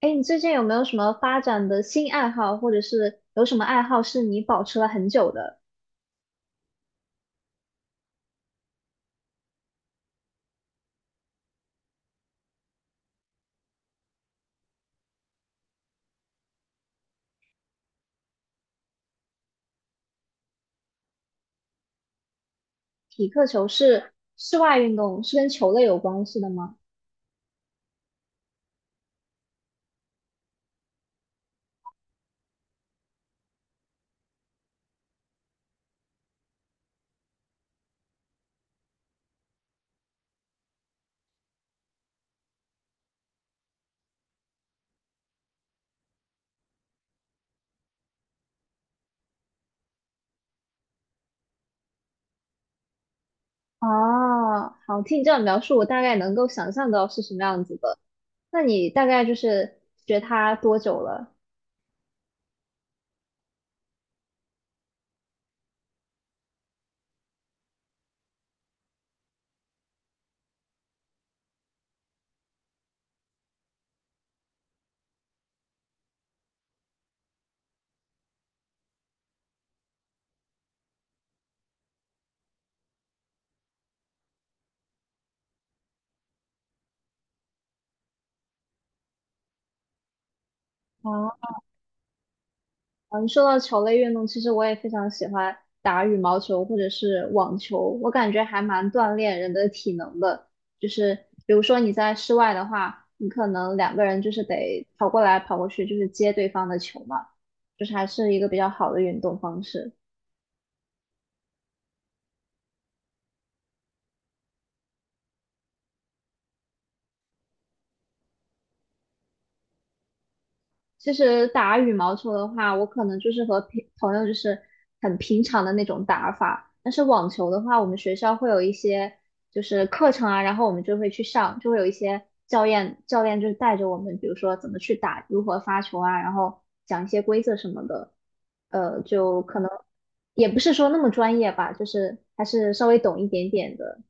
哎，你最近有没有什么发展的新爱好，或者是有什么爱好是你保持了很久的？匹克球是室外运动，是跟球类有关系的吗？哦，好，听你这样描述，我大概能够想象到是什么样子的。那你大概就是学它多久了？哦，嗯，说到球类运动，其实我也非常喜欢打羽毛球或者是网球，我感觉还蛮锻炼人的体能的。就是比如说你在室外的话，你可能两个人就是得跑过来跑过去，就是接对方的球嘛，就是还是一个比较好的运动方式。其实打羽毛球的话，我可能就是和平朋友就是很平常的那种打法。但是网球的话，我们学校会有一些就是课程啊，然后我们就会去上，就会有一些教练就是带着我们，比如说怎么去打，如何发球啊，然后讲一些规则什么的。就可能也不是说那么专业吧，就是还是稍微懂一点点的。嗯。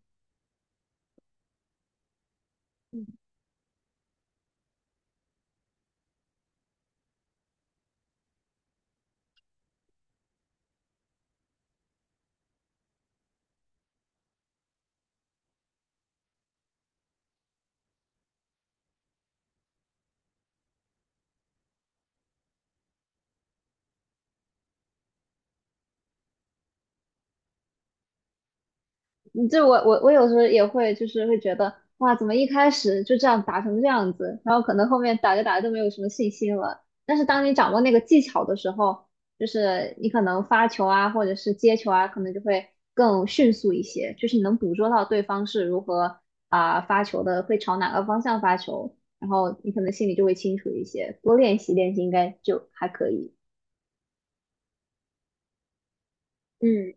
你这我有时候也会就是会觉得哇，怎么一开始就这样打成这样子，然后可能后面打着打着就没有什么信心了。但是当你掌握那个技巧的时候，就是你可能发球啊，或者是接球啊，可能就会更迅速一些，就是你能捕捉到对方是如何啊、发球的，会朝哪个方向发球，然后你可能心里就会清楚一些。多练习练习应该就还可以。嗯，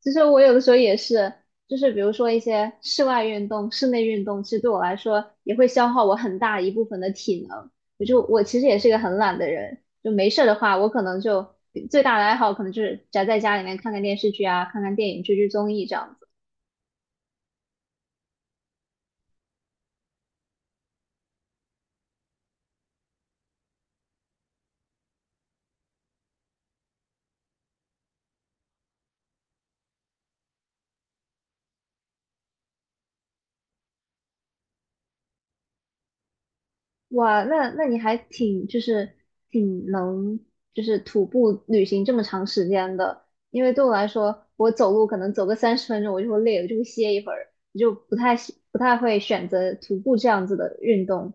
其实我有的时候也是，就是比如说一些室外运动、室内运动，其实对我来说也会消耗我很大一部分的体能。我其实也是一个很懒的人，就没事儿的话，我可能就最大的爱好可能就是宅在家里面看看电视剧啊，看看电影、追追综艺这样子。哇，那你还挺就是挺能就是徒步旅行这么长时间的，因为对我来说，我走路可能走个30分钟我就会累，了，我就会歇一会儿，我就不太会选择徒步这样子的运动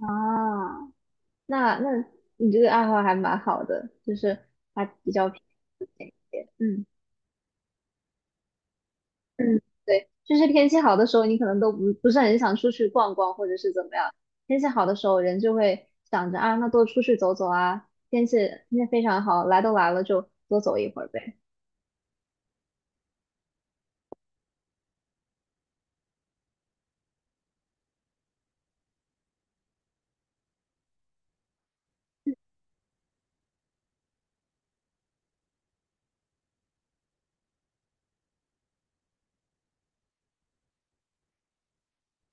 啊。那你这个爱好还蛮好的，就是还比较偏一些，嗯。嗯，对，就是天气好的时候，你可能都不不是很想出去逛逛，或者是怎么样。天气好的时候，人就会想着啊，那多出去走走啊。天气非常好，来都来了就多走一会儿呗。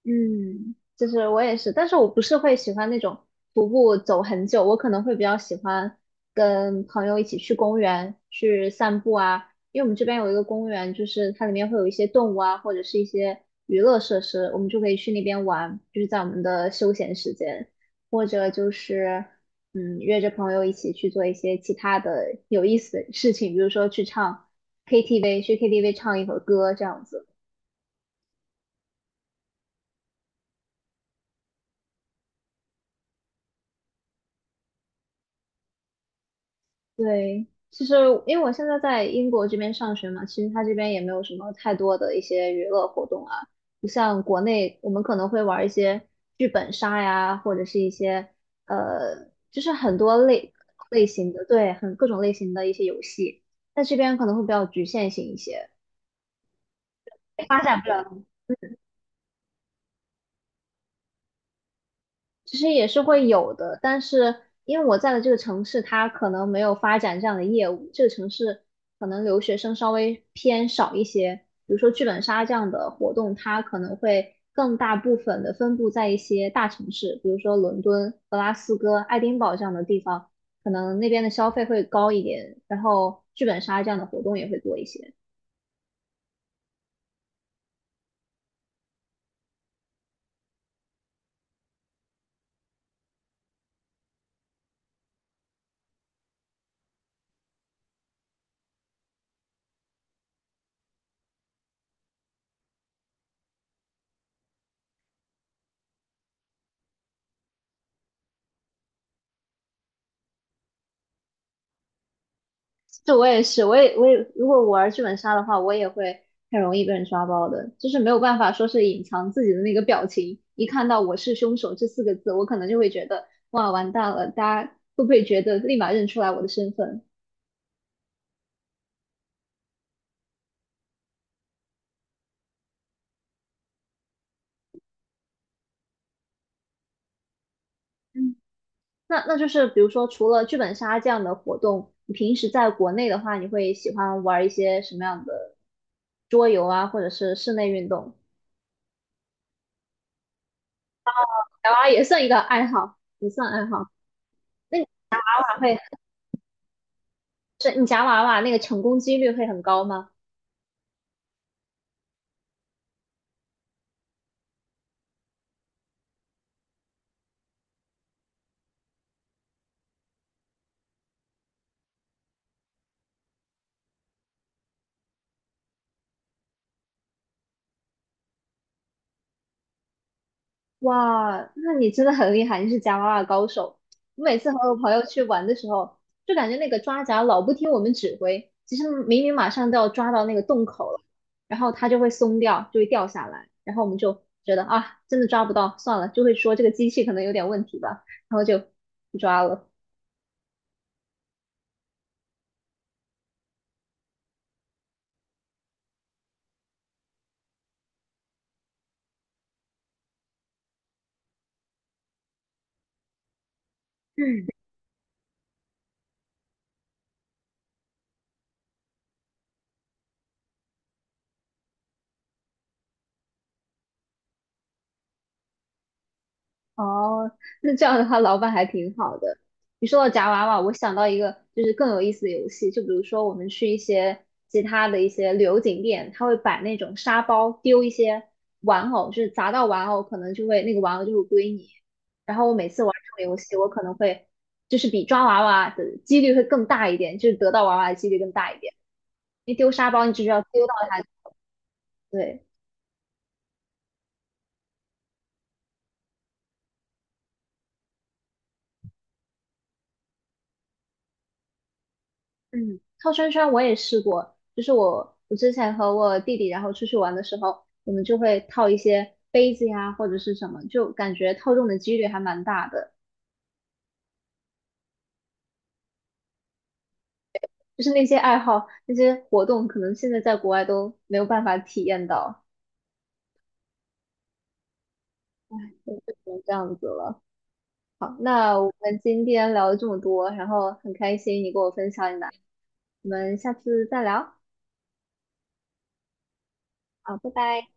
嗯，就是我也是，但是我不是会喜欢那种徒步走很久，我可能会比较喜欢跟朋友一起去公园去散步啊，因为我们这边有一个公园，就是它里面会有一些动物啊，或者是一些娱乐设施，我们就可以去那边玩，就是在我们的休闲时间，或者就是嗯约着朋友一起去做一些其他的有意思的事情，比如说去唱 KTV，去 KTV 唱一会儿歌这样子。对，其实因为我现在在英国这边上学嘛，其实它这边也没有什么太多的一些娱乐活动啊，不像国内我们可能会玩一些剧本杀呀，或者是一些就是很多类型的，对，很各种类型的一些游戏，在这边可能会比较局限性一些，发展不了。其实也是会有的，但是因为我在的这个城市，它可能没有发展这样的业务，这个城市可能留学生稍微偏少一些。比如说剧本杀这样的活动，它可能会更大部分的分布在一些大城市，比如说伦敦、格拉斯哥、爱丁堡这样的地方，可能那边的消费会高一点，然后剧本杀这样的活动也会多一些。这我也是，我也，如果我玩剧本杀的话，我也会很容易被人抓包的，就是没有办法说是隐藏自己的那个表情，一看到“我是凶手”这四个字，我可能就会觉得哇完蛋了，大家会不会觉得立马认出来我的身份？嗯，那就是比如说除了剧本杀这样的活动，你平时在国内的话，你会喜欢玩一些什么样的桌游啊，或者是室内运动？夹娃娃也算一个爱好，也算爱好。那你娃娃会是你夹娃娃那个成功几率会很高吗？哇，那你真的很厉害，你是夹娃娃高手。我每次和我朋友去玩的时候，就感觉那个抓夹老不听我们指挥，其实明明马上都要抓到那个洞口了，然后它就会松掉，就会掉下来，然后我们就觉得啊，真的抓不到，算了，就会说这个机器可能有点问题吧，然后就不抓了。嗯。哦，那这样的话，老板还挺好的。你说到夹娃娃，我想到一个就是更有意思的游戏，就比如说我们去一些其他的一些旅游景点，他会摆那种沙包，丢一些玩偶，就是砸到玩偶，可能就会那个玩偶就会归你。然后我每次玩这种游戏，我可能会就是比抓娃娃的几率会更大一点，就是得到娃娃的几率更大一点。因为丢沙包，你只需要丢到它，对。嗯，套圈圈我也试过，就是我之前和我弟弟然后出去玩的时候，我们就会套一些杯子呀或者是什么，就感觉套中的几率还蛮大的。就是那些爱好、那些活动，可能现在在国外都没有办法体验到，就只能这样子了。好，那我们今天聊了这么多，然后很开心你跟我分享你的，我们下次再聊，好，拜拜。